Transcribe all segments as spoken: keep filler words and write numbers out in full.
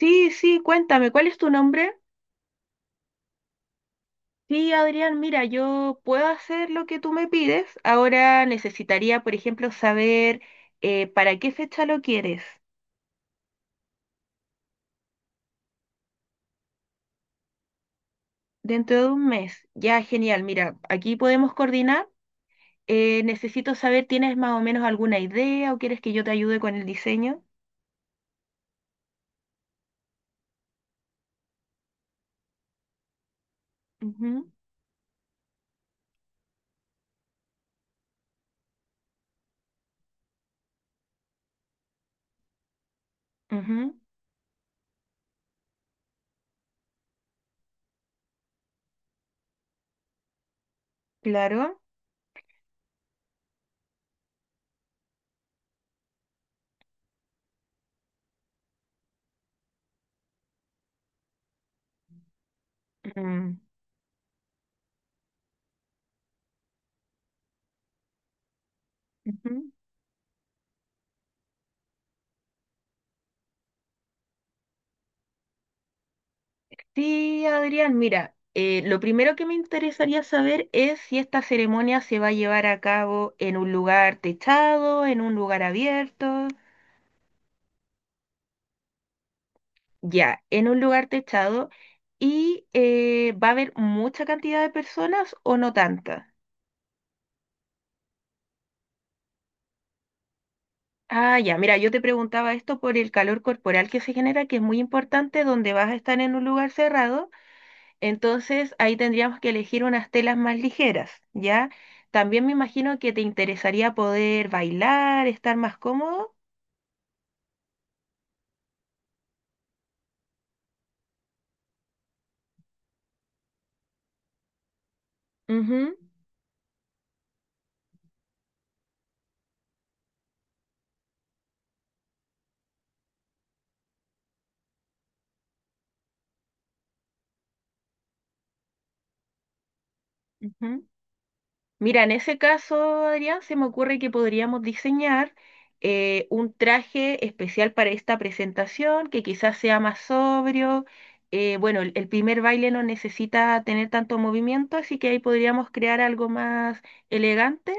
Sí, sí, cuéntame, ¿cuál es tu nombre? Sí, Adrián, mira, yo puedo hacer lo que tú me pides. Ahora necesitaría, por ejemplo, saber eh, para qué fecha lo quieres. Dentro de un mes. Ya, genial. Mira, aquí podemos coordinar. Eh, necesito saber, ¿tienes más o menos alguna idea o quieres que yo te ayude con el diseño? Ujú, ujú, claro. Mm, ujú. Sí, Adrián, mira, eh, lo primero que me interesaría saber es si esta ceremonia se va a llevar a cabo en un lugar techado, en un lugar abierto. Ya, en un lugar techado. ¿Y eh, va a haber mucha cantidad de personas o no tanta? Ah, ya, mira, yo te preguntaba esto por el calor corporal que se genera, que es muy importante donde vas a estar en un lugar cerrado. Entonces ahí tendríamos que elegir unas telas más ligeras, ¿ya? También me imagino que te interesaría poder bailar, estar más cómodo. Ujú, ujú. Mira, en ese caso, Adrián, se me ocurre que podríamos diseñar eh, un traje especial para esta presentación, que quizás sea más sobrio. Eh, bueno, el, el primer baile no necesita tener tanto movimiento, así que ahí podríamos crear algo más elegante.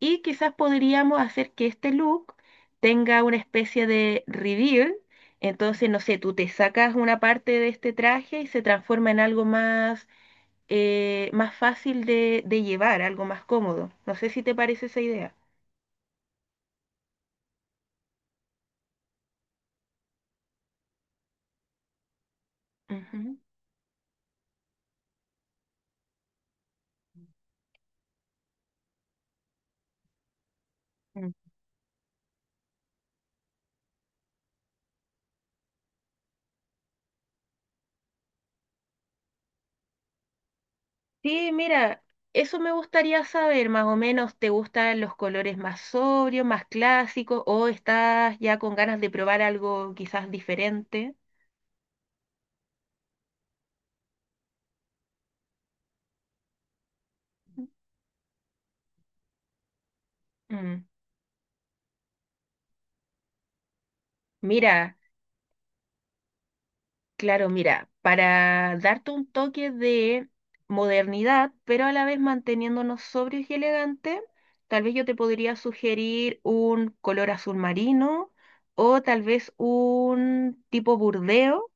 Y quizás podríamos hacer que este look tenga una especie de reveal. Entonces, no sé, tú te sacas una parte de este traje y se transforma en algo más, eh, más fácil de, de llevar, algo más cómodo. No sé si te parece esa idea. Ujú. Mm. Sí, mira, eso me gustaría saber, más o menos, ¿te gustan los colores más sobrios, más clásicos, o estás ya con ganas de probar algo quizás diferente? Mm. Mira. Claro, mira, para darte un toque de modernidad, pero a la vez manteniéndonos sobrios y elegantes, tal vez yo te podría sugerir un color azul marino o tal vez un tipo burdeo,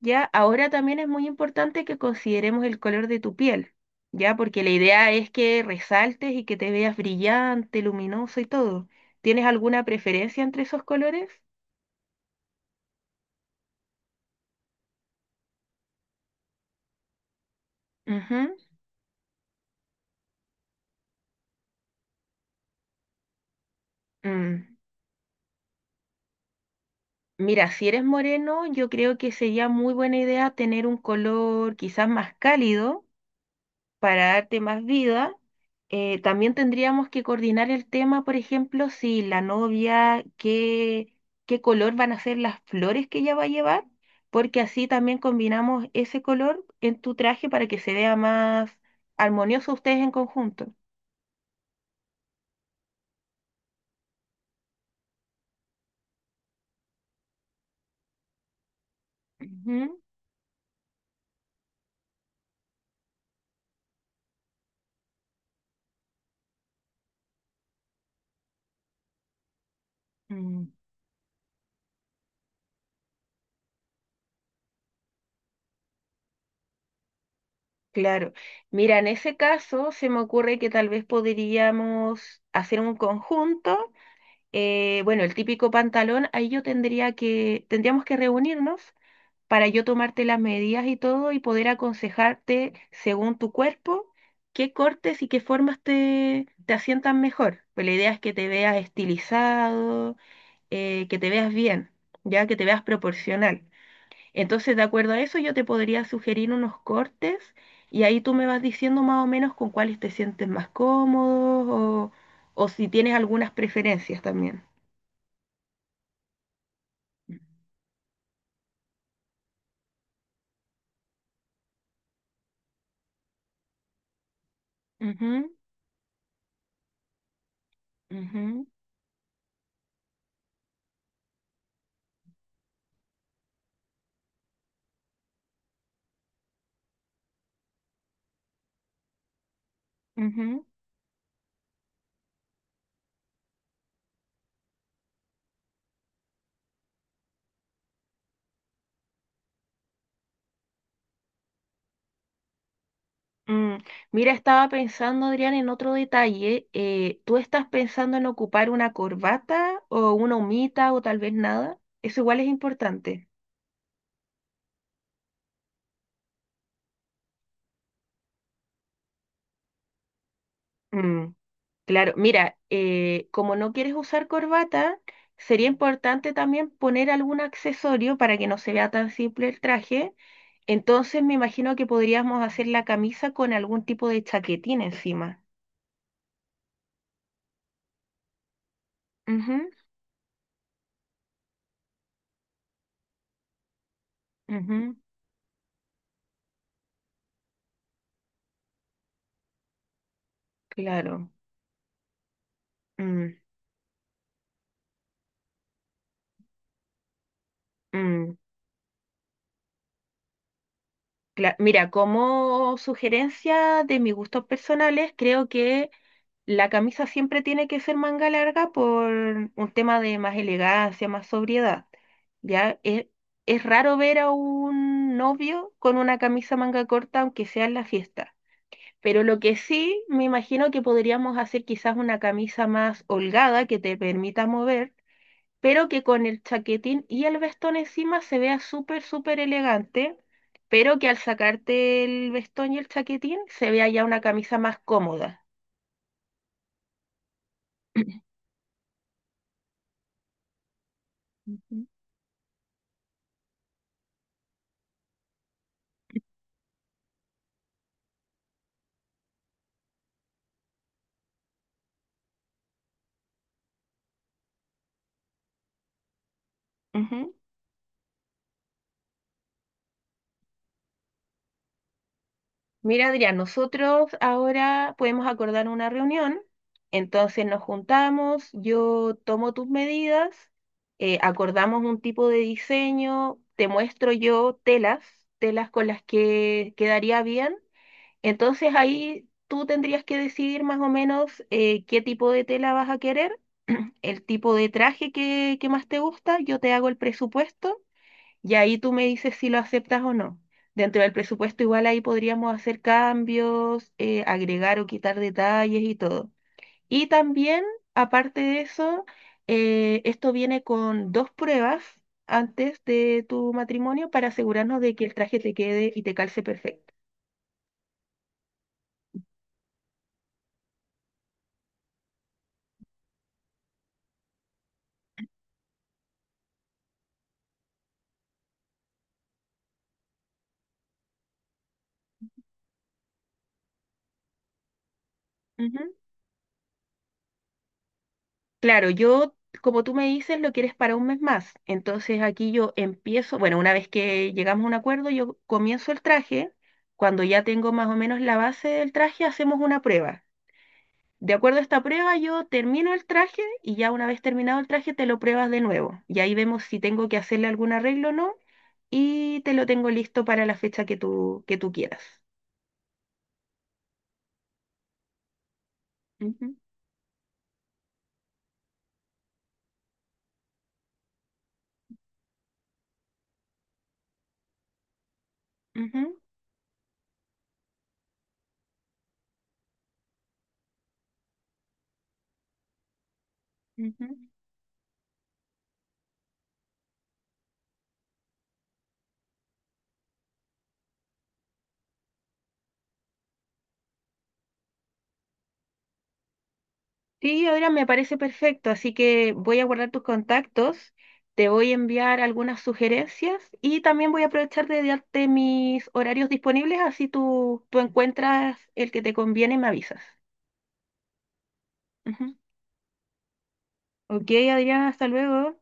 ¿ya? Ahora también es muy importante que consideremos el color de tu piel, ¿ya? Porque la idea es que resaltes y que te veas brillante, luminoso y todo. ¿Tienes alguna preferencia entre esos colores? Ujú, mm. Mira, si eres moreno, yo creo que sería muy buena idea tener un color quizás más cálido para darte más vida. Eh, también tendríamos que coordinar el tema, por ejemplo, si la novia, qué, qué color van a ser las flores que ella va a llevar, porque así también combinamos ese color en tu traje para que se vea más armonioso ustedes en conjunto. Ujú. Claro. Mira, en ese caso se me ocurre que tal vez podríamos hacer un conjunto. Eh, bueno, el típico pantalón, ahí yo tendría que, tendríamos que reunirnos para yo tomarte las medidas y todo y poder aconsejarte según tu cuerpo qué cortes y qué formas te, te asientan mejor. Pues la idea es que te veas estilizado, eh, que te veas bien, ya que te veas proporcional. Entonces, de acuerdo a eso, yo te podría sugerir unos cortes y ahí tú me vas diciendo más o menos con cuáles te sientes más cómodo o, o si tienes algunas preferencias también. Ujú, ujú, ujú. Mm. Mira, estaba pensando, Adrián, en otro detalle. Eh, ¿tú estás pensando en ocupar una corbata o una humita o tal vez nada? Eso igual es importante. Mm. Claro, mira, eh, como no quieres usar corbata, sería importante también poner algún accesorio para que no se vea tan simple el traje. Entonces me imagino que podríamos hacer la camisa con algún tipo de chaquetín encima. Ujú, ujú, claro. Mm, mm, cla- Mira, como sugerencia de mis gustos personales, creo que la camisa siempre tiene que ser manga larga por un tema de más elegancia, más sobriedad. Ya es, es raro ver a un novio con una camisa manga corta, aunque sea en la fiesta. Pero lo que sí, me imagino que podríamos hacer quizás una camisa más holgada que te permita mover, pero que con el chaquetín y el vestón encima se vea súper, súper elegante, pero que al sacarte el vestón y el chaquetín se vea ya una camisa más cómoda. Ujú, ujú. Mira, Adrián, nosotros ahora podemos acordar una reunión, entonces nos juntamos, yo tomo tus medidas, eh, acordamos un tipo de diseño, te muestro yo telas, telas con las que quedaría bien, entonces ahí tú tendrías que decidir más o menos eh, qué tipo de tela vas a querer, el tipo de traje que, que más te gusta, yo te hago el presupuesto. Y ahí tú me dices si lo aceptas o no. Dentro del presupuesto igual ahí podríamos hacer cambios, eh, agregar o quitar detalles y todo. Y también, aparte de eso, eh, esto viene con dos pruebas antes de tu matrimonio para asegurarnos de que el traje te quede y te calce perfecto. Ujú. Claro, yo, como tú me dices, lo quieres para un mes más. Entonces aquí yo empiezo, bueno, una vez que llegamos a un acuerdo, yo comienzo el traje. Cuando ya tengo más o menos la base del traje, hacemos una prueba. De acuerdo a esta prueba, yo termino el traje y ya una vez terminado el traje, te lo pruebas de nuevo. Y ahí vemos si tengo que hacerle algún arreglo o no y te lo tengo listo para la fecha que tú, que tú quieras. Ujú, ujú, ujú. Sí, ahora me parece perfecto, así que voy a guardar tus contactos, te voy a enviar algunas sugerencias y también voy a aprovechar de darte mis horarios disponibles, así tú, tú encuentras el que te conviene y me avisas. Ujú. Ok, Adriana, hasta luego.